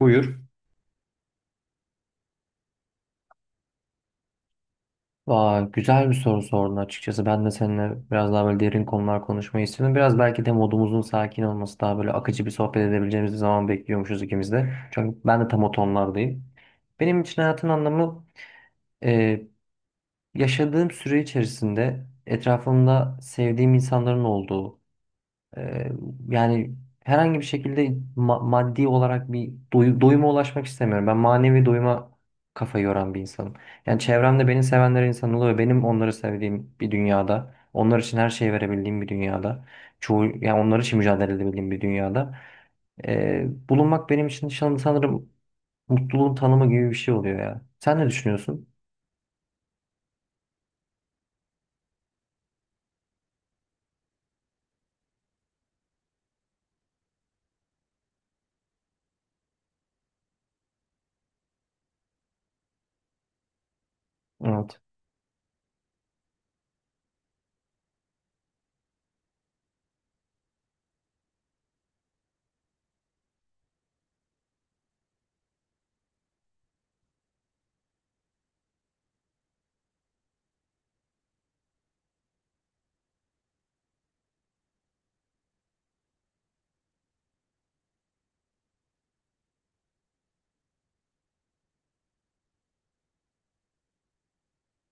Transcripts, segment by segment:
Buyur. Aa, güzel bir soru sordun açıkçası. Ben de seninle biraz daha böyle derin konular konuşmayı istedim. Biraz belki de modumuzun sakin olması daha böyle akıcı bir sohbet edebileceğimiz bir zaman bekliyormuşuz ikimiz de. Çünkü ben de tam o tonlardayım. Benim için hayatın anlamı e, yaşadığım süre içerisinde etrafımda sevdiğim insanların olduğu, Ee, yani herhangi bir şekilde maddi olarak bir doyuma ulaşmak istemiyorum. Ben manevi doyuma kafa yoran bir insanım. Yani çevremde beni sevenler insan oluyor. Benim onları sevdiğim bir dünyada, onlar için her şeyi verebildiğim bir dünyada, çoğu yani onlar için mücadele edebildiğim bir dünyada bulunmak benim için sanırım mutluluğun tanımı gibi bir şey oluyor ya. Sen ne düşünüyorsun? Evet.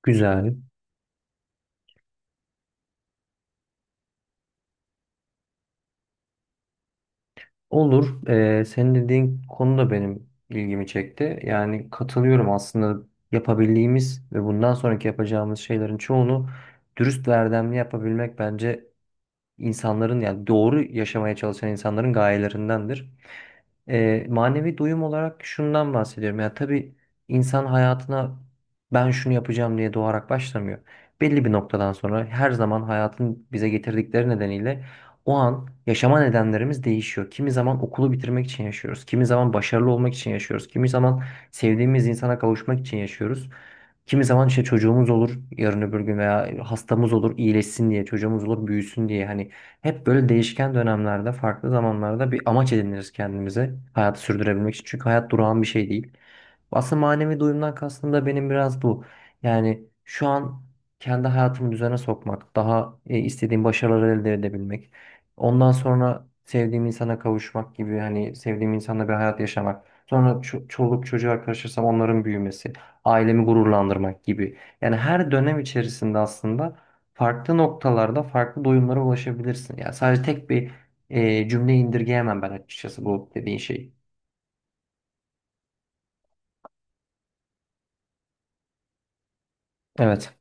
Güzel. Olur. Senin dediğin konu da benim ilgimi çekti. Yani katılıyorum aslında yapabildiğimiz ve bundan sonraki yapacağımız şeylerin çoğunu dürüst ve erdemli yapabilmek bence insanların yani doğru yaşamaya çalışan insanların gayelerindendir. Manevi doyum olarak şundan bahsediyorum. Ya tabii insan hayatına ben şunu yapacağım diye doğarak başlamıyor. Belli bir noktadan sonra her zaman hayatın bize getirdikleri nedeniyle o an yaşama nedenlerimiz değişiyor. Kimi zaman okulu bitirmek için yaşıyoruz. Kimi zaman başarılı olmak için yaşıyoruz. Kimi zaman sevdiğimiz insana kavuşmak için yaşıyoruz. Kimi zaman işte çocuğumuz olur yarın öbür gün veya hastamız olur iyileşsin diye çocuğumuz olur büyüsün diye hani hep böyle değişken dönemlerde farklı zamanlarda bir amaç ediniriz kendimize hayatı sürdürebilmek için. Çünkü hayat durağan bir şey değil. Aslında manevi doyumdan kastım da benim biraz bu. Yani şu an kendi hayatımı düzene sokmak, daha istediğim başarıları elde edebilmek, ondan sonra sevdiğim insana kavuşmak gibi hani sevdiğim insanla bir hayat yaşamak. Sonra çoluk çocuğa karışırsam onların büyümesi ailemi gururlandırmak gibi. Yani her dönem içerisinde aslında farklı noktalarda farklı doyumlara ulaşabilirsin. Yani sadece tek bir cümle indirgeyemem ben açıkçası bu dediğin şeyi. Evet.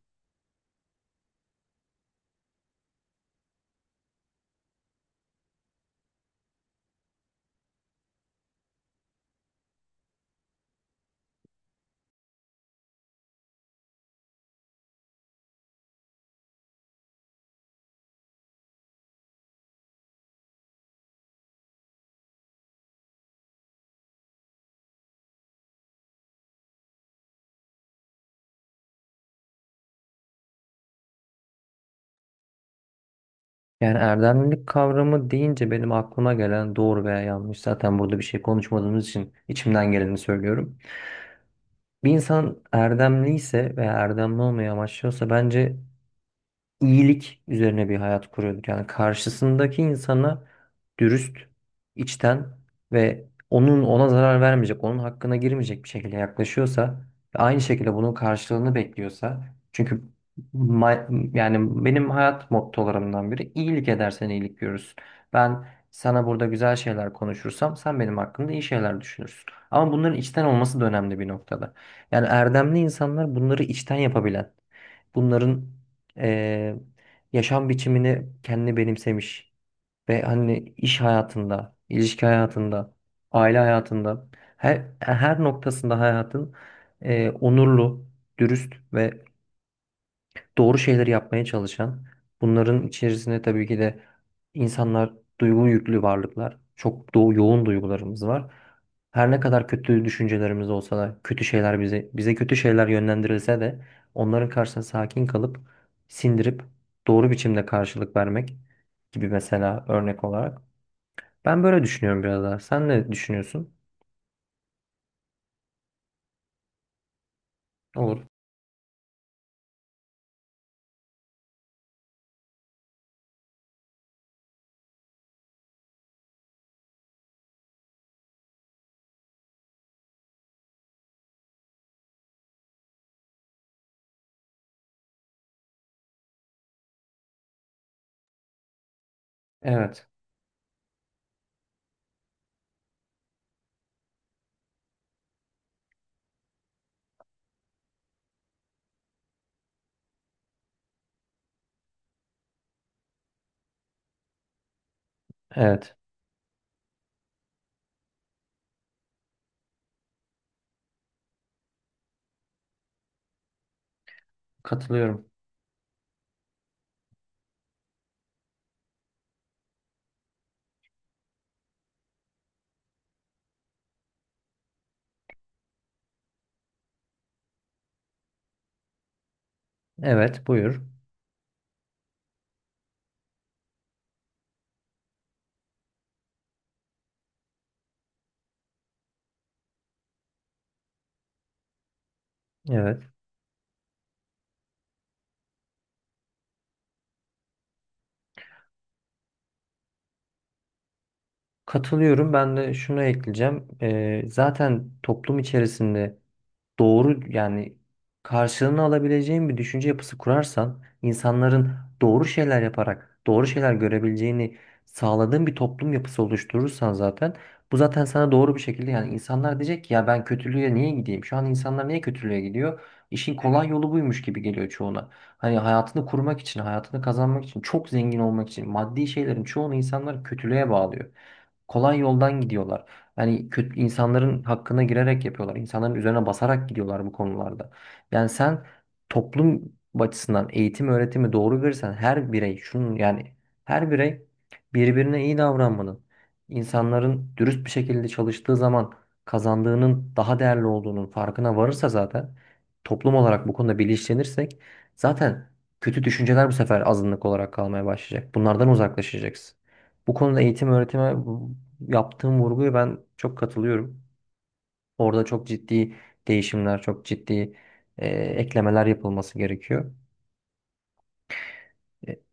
Yani erdemlilik kavramı deyince benim aklıma gelen doğru veya yanlış zaten burada bir şey konuşmadığımız için içimden geleni söylüyorum. Bir insan erdemli ise veya erdemli olmayı amaçlıyorsa bence iyilik üzerine bir hayat kuruyorduk. Yani karşısındaki insana dürüst, içten ve onun ona zarar vermeyecek, onun hakkına girmeyecek bir şekilde yaklaşıyorsa ve aynı şekilde bunun karşılığını bekliyorsa çünkü yani benim hayat mottolarımdan biri iyilik edersen iyilik görürsün. Ben sana burada güzel şeyler konuşursam sen benim hakkımda iyi şeyler düşünürsün. Ama bunların içten olması da önemli bir noktada. Yani erdemli insanlar bunları içten yapabilen, bunların e, yaşam biçimini kendine benimsemiş ve hani iş hayatında, ilişki hayatında, aile hayatında her noktasında hayatın onurlu, dürüst ve doğru şeyleri yapmaya çalışan, bunların içerisinde tabii ki de insanlar duygu yüklü varlıklar. Çok yoğun duygularımız var. Her ne kadar kötü düşüncelerimiz olsa da, kötü şeyler bize kötü şeyler yönlendirilse de onların karşısında sakin kalıp sindirip doğru biçimde karşılık vermek gibi mesela örnek olarak. Ben böyle düşünüyorum biraz daha. Sen ne düşünüyorsun? Olur. Evet. Evet. Katılıyorum. Evet, buyur. Evet. Katılıyorum. Ben de şunu ekleyeceğim. Zaten toplum içerisinde doğru yani karşılığını alabileceğin bir düşünce yapısı kurarsan insanların doğru şeyler yaparak doğru şeyler görebileceğini sağladığın bir toplum yapısı oluşturursan zaten bu zaten sana doğru bir şekilde yani insanlar diyecek ki ya ben kötülüğe niye gideyim? Şu an insanlar niye kötülüğe gidiyor? İşin hı hı, kolay hı yolu buymuş gibi geliyor çoğuna. Hani hayatını kurmak için, hayatını kazanmak için, çok zengin olmak için maddi şeylerin çoğunu insanlar kötülüğe bağlıyor kolay yoldan gidiyorlar. Yani kötü insanların hakkına girerek yapıyorlar. İnsanların üzerine basarak gidiyorlar bu konularda. Yani sen toplum açısından eğitim öğretimi doğru verirsen her birey şunun yani her birey birbirine iyi davranmanın, insanların dürüst bir şekilde çalıştığı zaman kazandığının daha değerli olduğunun farkına varırsa zaten toplum olarak bu konuda bilinçlenirsek zaten kötü düşünceler bu sefer azınlık olarak kalmaya başlayacak. Bunlardan uzaklaşacaksın. Bu konuda eğitim öğretime yaptığım vurguya ben çok katılıyorum. Orada çok ciddi değişimler, çok ciddi eklemeler yapılması gerekiyor. E,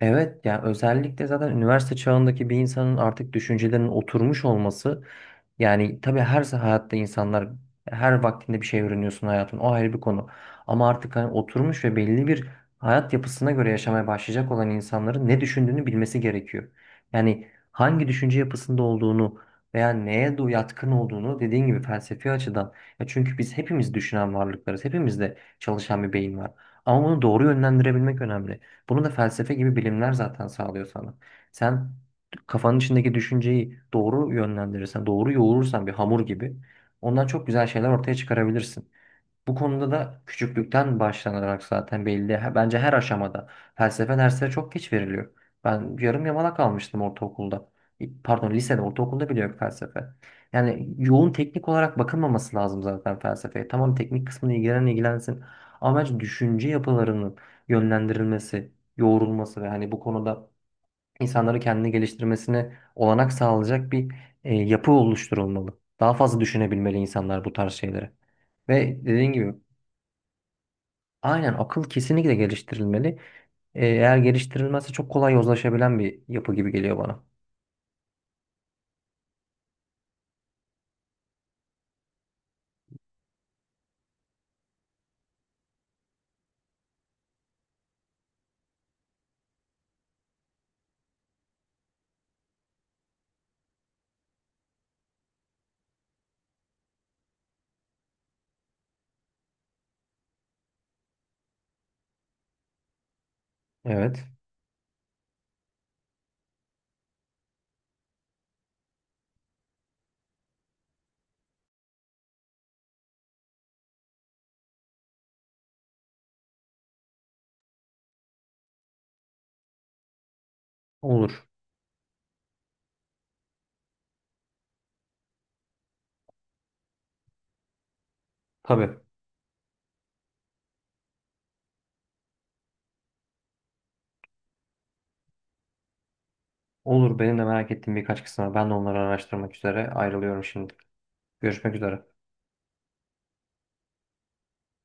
Evet, yani özellikle zaten üniversite çağındaki bir insanın artık düşüncelerinin oturmuş olması yani tabii her hayatta insanlar her vaktinde bir şey öğreniyorsun hayatın o ayrı bir konu. Ama artık hani oturmuş ve belli bir hayat yapısına göre yaşamaya başlayacak olan insanların ne düşündüğünü bilmesi gerekiyor. Yani hangi düşünce yapısında olduğunu veya neye yatkın olduğunu dediğin gibi felsefi açıdan. Ya çünkü biz hepimiz düşünen varlıklarız. Hepimizde çalışan bir beyin var. Ama bunu doğru yönlendirebilmek önemli. Bunu da felsefe gibi bilimler zaten sağlıyor sana. Sen kafanın içindeki düşünceyi doğru yönlendirirsen, doğru yoğurursan bir hamur gibi ondan çok güzel şeyler ortaya çıkarabilirsin. Bu konuda da küçüklükten başlanarak zaten belli. Bence her aşamada felsefe dersleri çok geç veriliyor. Ben yarım yamalak kalmıştım ortaokulda. Pardon, lisede, ortaokulda bile yok felsefe. Yani yoğun teknik olarak bakılmaması lazım zaten felsefeye. Tamam, teknik kısmını ilgilenen ilgilensin. Ama bence düşünce yapılarının yönlendirilmesi, yoğrulması ve hani bu konuda insanları kendini geliştirmesine olanak sağlayacak bir yapı oluşturulmalı. Daha fazla düşünebilmeli insanlar bu tarz şeyleri. Ve dediğin gibi aynen akıl kesinlikle geliştirilmeli. Eğer geliştirilmezse çok kolay yozlaşabilen bir yapı gibi geliyor bana. Evet. Olur. Tabii. Olur. Benim de merak ettiğim birkaç kısım var. Ben de onları araştırmak üzere ayrılıyorum şimdi. Görüşmek üzere.